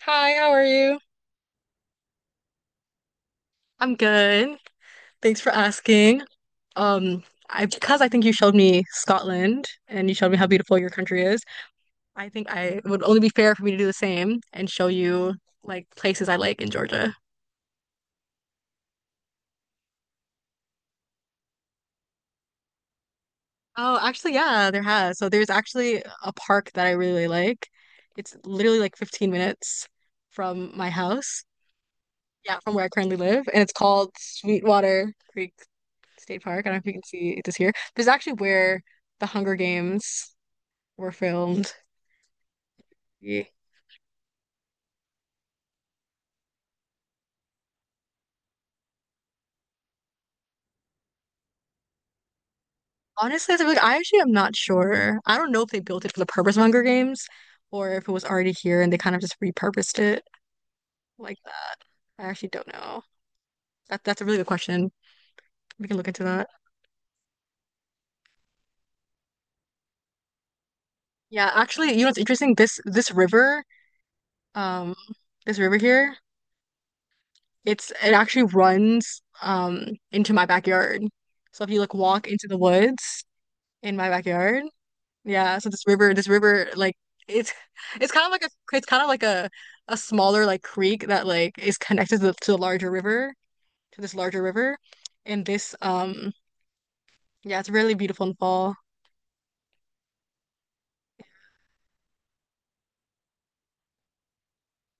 Hi, how are you? I'm good. Thanks for asking. Um, I because I think you showed me Scotland and you showed me how beautiful your country is, I think I it would only be fair for me to do the same and show you like places I like in Georgia. Oh, actually, yeah, there has. So there's actually a park that I really like. It's literally like 15 minutes from my house. Yeah, from where I currently live, and it's called Sweetwater Creek State Park. I don't know if you can see this here. This is actually where the Hunger Games were filmed. Yeah. Honestly, to I actually am not sure. I don't know if they built it for the purpose of Hunger Games or if it was already here and they kind of just repurposed it like that. I actually don't know. That's a really good question. We can look into that. Yeah, actually, you know what's interesting? This river, um, this river here, it actually runs into my backyard. So if you like walk into the woods in my backyard, yeah, so this river, like it's it's kind of like a it's kind of like a smaller like creek that like is connected to the larger river, to this larger river. And this yeah, it's really beautiful in the fall.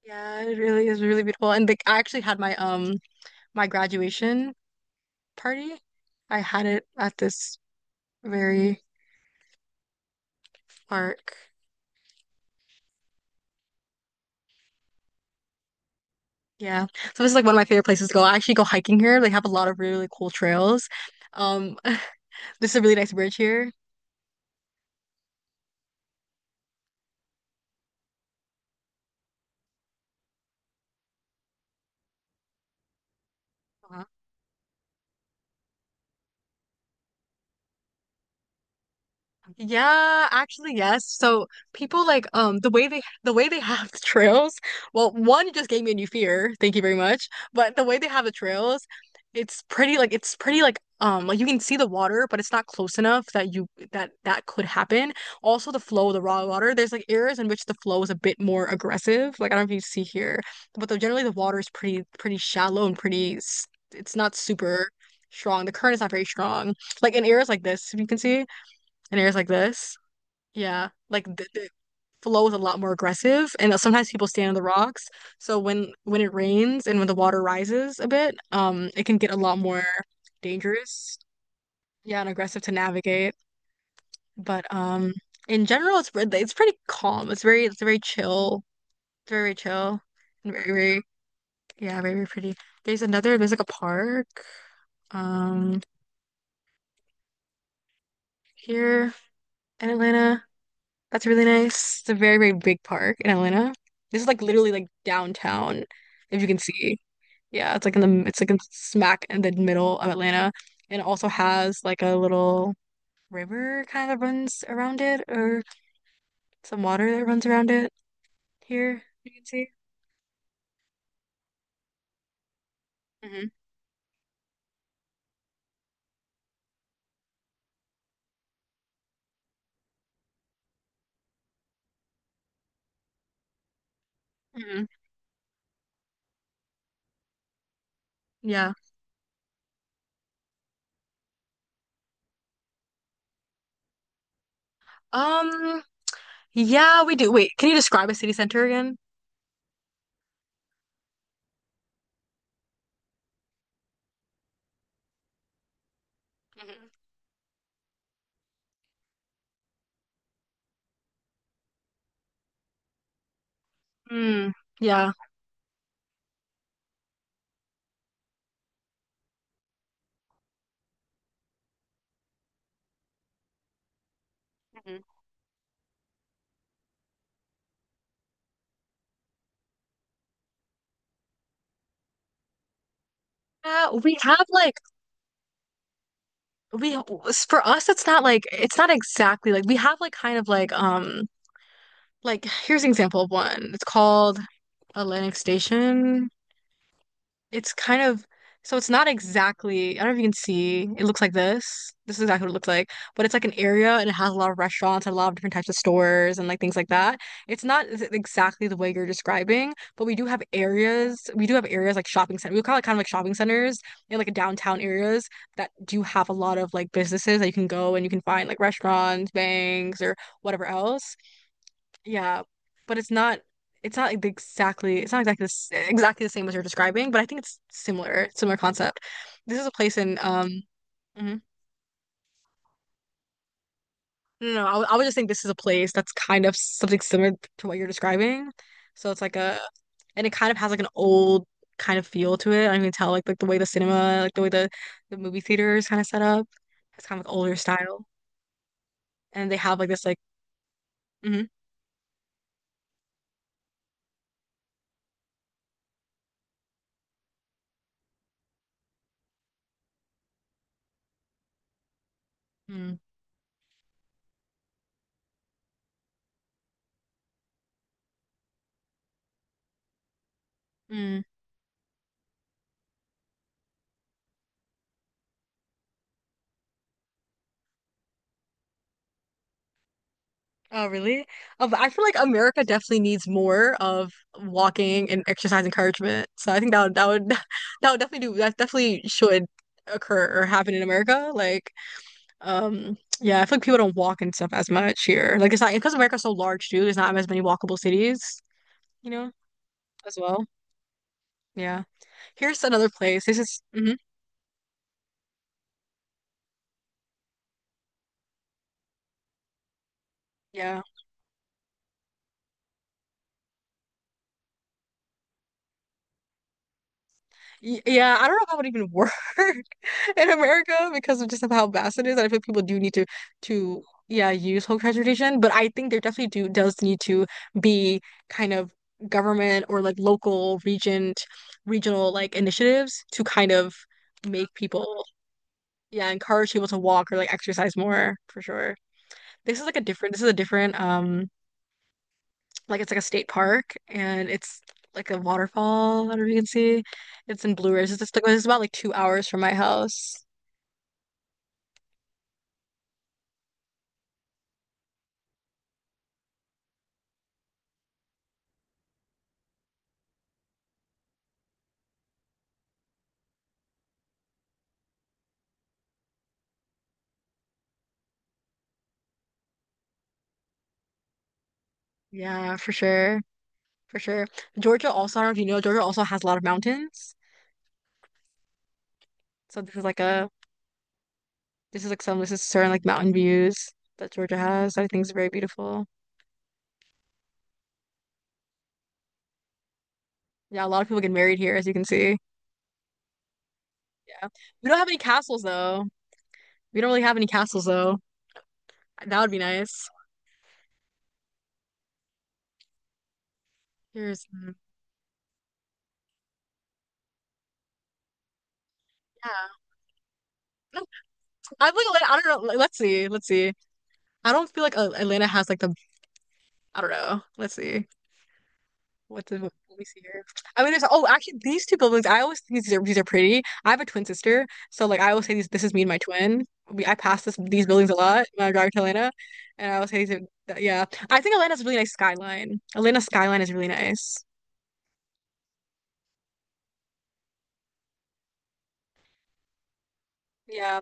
Yeah, it really is really beautiful. And like I actually had my my graduation party. I had it at this very park. Yeah. So this is like one of my favorite places to go. I actually go hiking here. They have a lot of really really cool trails. Um this is a really nice bridge here. Yeah, actually, yes. So people like the way they have the trails. Well, one it just gave me a new fear. Thank you very much. But the way they have the trails, it's pretty like you can see the water, but it's not close enough that you that could happen. Also, the flow of the raw water. There's like areas in which the flow is a bit more aggressive. Like I don't know if you see here, but generally the water is pretty pretty shallow and pretty. It's not super strong. The current is not very strong. Like in areas like this, if you can see and ears like this. Yeah, like the flow is a lot more aggressive, and sometimes people stand on the rocks. So when it rains and when the water rises a bit, it can get a lot more dangerous. Yeah, and aggressive to navigate. But in general, it's pretty calm. It's very chill. It's very very chill and very very yeah very very pretty. There's like a park um here in Atlanta. That's really nice. It's a very, very big park in Atlanta. This is like literally like downtown, if you can see. Yeah, it's like in smack in the middle of Atlanta, and it also has like a little river kind of runs around it, or some water that runs around it. Here, you can see. hmm hmm Yeah. Um. Yeah, we do. Wait, can you describe a city center again? hmm Mm, yeah. Mhm. Yeah, we have like. We For us it's not like it's not exactly like we have like kind of like here's an example of one. It's called Atlantic Station. It's kind of so it's not exactly, I don't know if you can see. It looks like this. This is exactly what it looks like. But it's like an area and it has a lot of restaurants and a lot of different types of stores and like things like that. It's not exactly the way you're describing, but we do have areas. We do have areas like shopping center. We call it kind of like shopping centers in like downtown areas that do have a lot of like businesses that you can go and you can find like restaurants, banks, or whatever else. Yeah, but it's not like the- exactly it's not exactly exactly the same as you're describing, but I think it's similar, similar concept. This is a place in mhm. No, no, I wa- I would just think this is a place that's kind of something similar to what you're describing. So it's like a and it kind of has like an old kind of feel to it. I can tell like the way the cinema, like the way the movie theater is kind of set up. It's kind of like older style, and they have like this like mm-hmm, mm-hmm. Mm-hmm. Oh, really? Oh, but I feel like America definitely needs more of walking and exercise encouragement. So I think that would that would definitely do that definitely should occur or happen in America. Like, yeah, I feel like people don't walk and stuff as much here. Like it's not because America's so large too, there's not as many walkable cities, you know, as well. Yeah. Here's another place. This is mhm, yeah. Y Yeah, I don't know if that would even work. in America because of just of how vast it is. And I think people do need to yeah use public transportation, but I think there definitely do does need to be kind of government or like local region regional like initiatives to kind of make people yeah encourage people to walk or like exercise more for sure. This is like a different this is a different like it's like a state park and it's like a waterfall. I don't know if you can see. It's in Blue Ridge. It's just like it's about like 2 hours from my house. Yeah, for sure. For sure. Georgia also, I don't know if you know, Georgia also has a lot of mountains. So this is like some this is certain like mountain views that Georgia has. That I think is very beautiful. Yeah, a lot of people get married here, as you can see. Yeah. We don't have any castles though. We don't really have any castles though. That would be nice. Here's mm, yeah. No, I feel like Atlanta, I don't know. Like, let's see. Let's see. I don't feel like Atlanta has like the I don't know. Let's see. Let me see here. I mean, there's oh, actually, these two buildings. I always think these are pretty. I have a twin sister, so like I always say these. This is me and my twin. We I pass this these buildings a lot when I drive to Atlanta, and I always say these. Are, yeah, I think Atlanta's a really nice skyline. Atlanta's skyline is really nice. Yeah,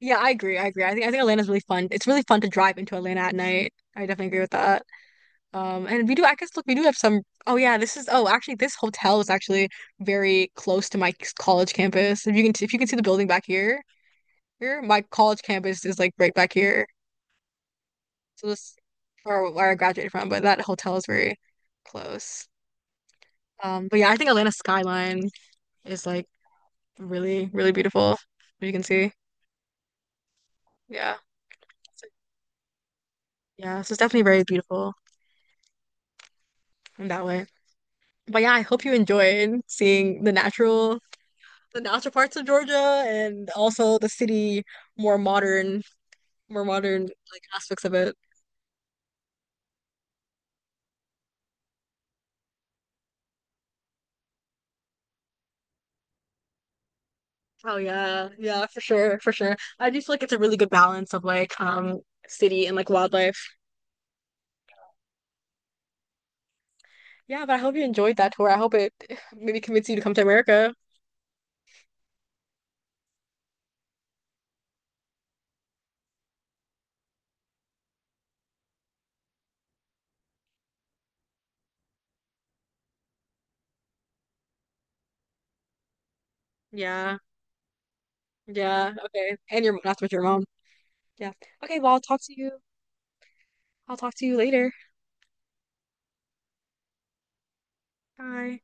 yeah, I agree. I agree. I think Atlanta's really fun. It's really fun to drive into Atlanta at night. I definitely agree with that. And we do. I guess look, we do have some. Oh yeah, this is. Oh, actually, this hotel is actually very close to my college campus. If you can see the building back here. Here, my college campus is like right back here. So this for where I graduated from, but that hotel is very close. But yeah, I think Atlanta skyline is like really, really beautiful. You can see. Yeah. So- Yeah, so it's definitely very beautiful in that way. But yeah, I hope you enjoyed seeing the natural parts of Georgia and also the city more modern, more modern like aspects of it. Oh yeah, yeah, for sure, for sure. I do feel like it's a really good balance of like city and like wildlife. Yeah, but I hope you enjoyed that tour. I hope it maybe convinced you to come to America. Yeah, yeah, okay. And your that's with your mom. Yeah. Okay, well, I'll talk to you later. Bye.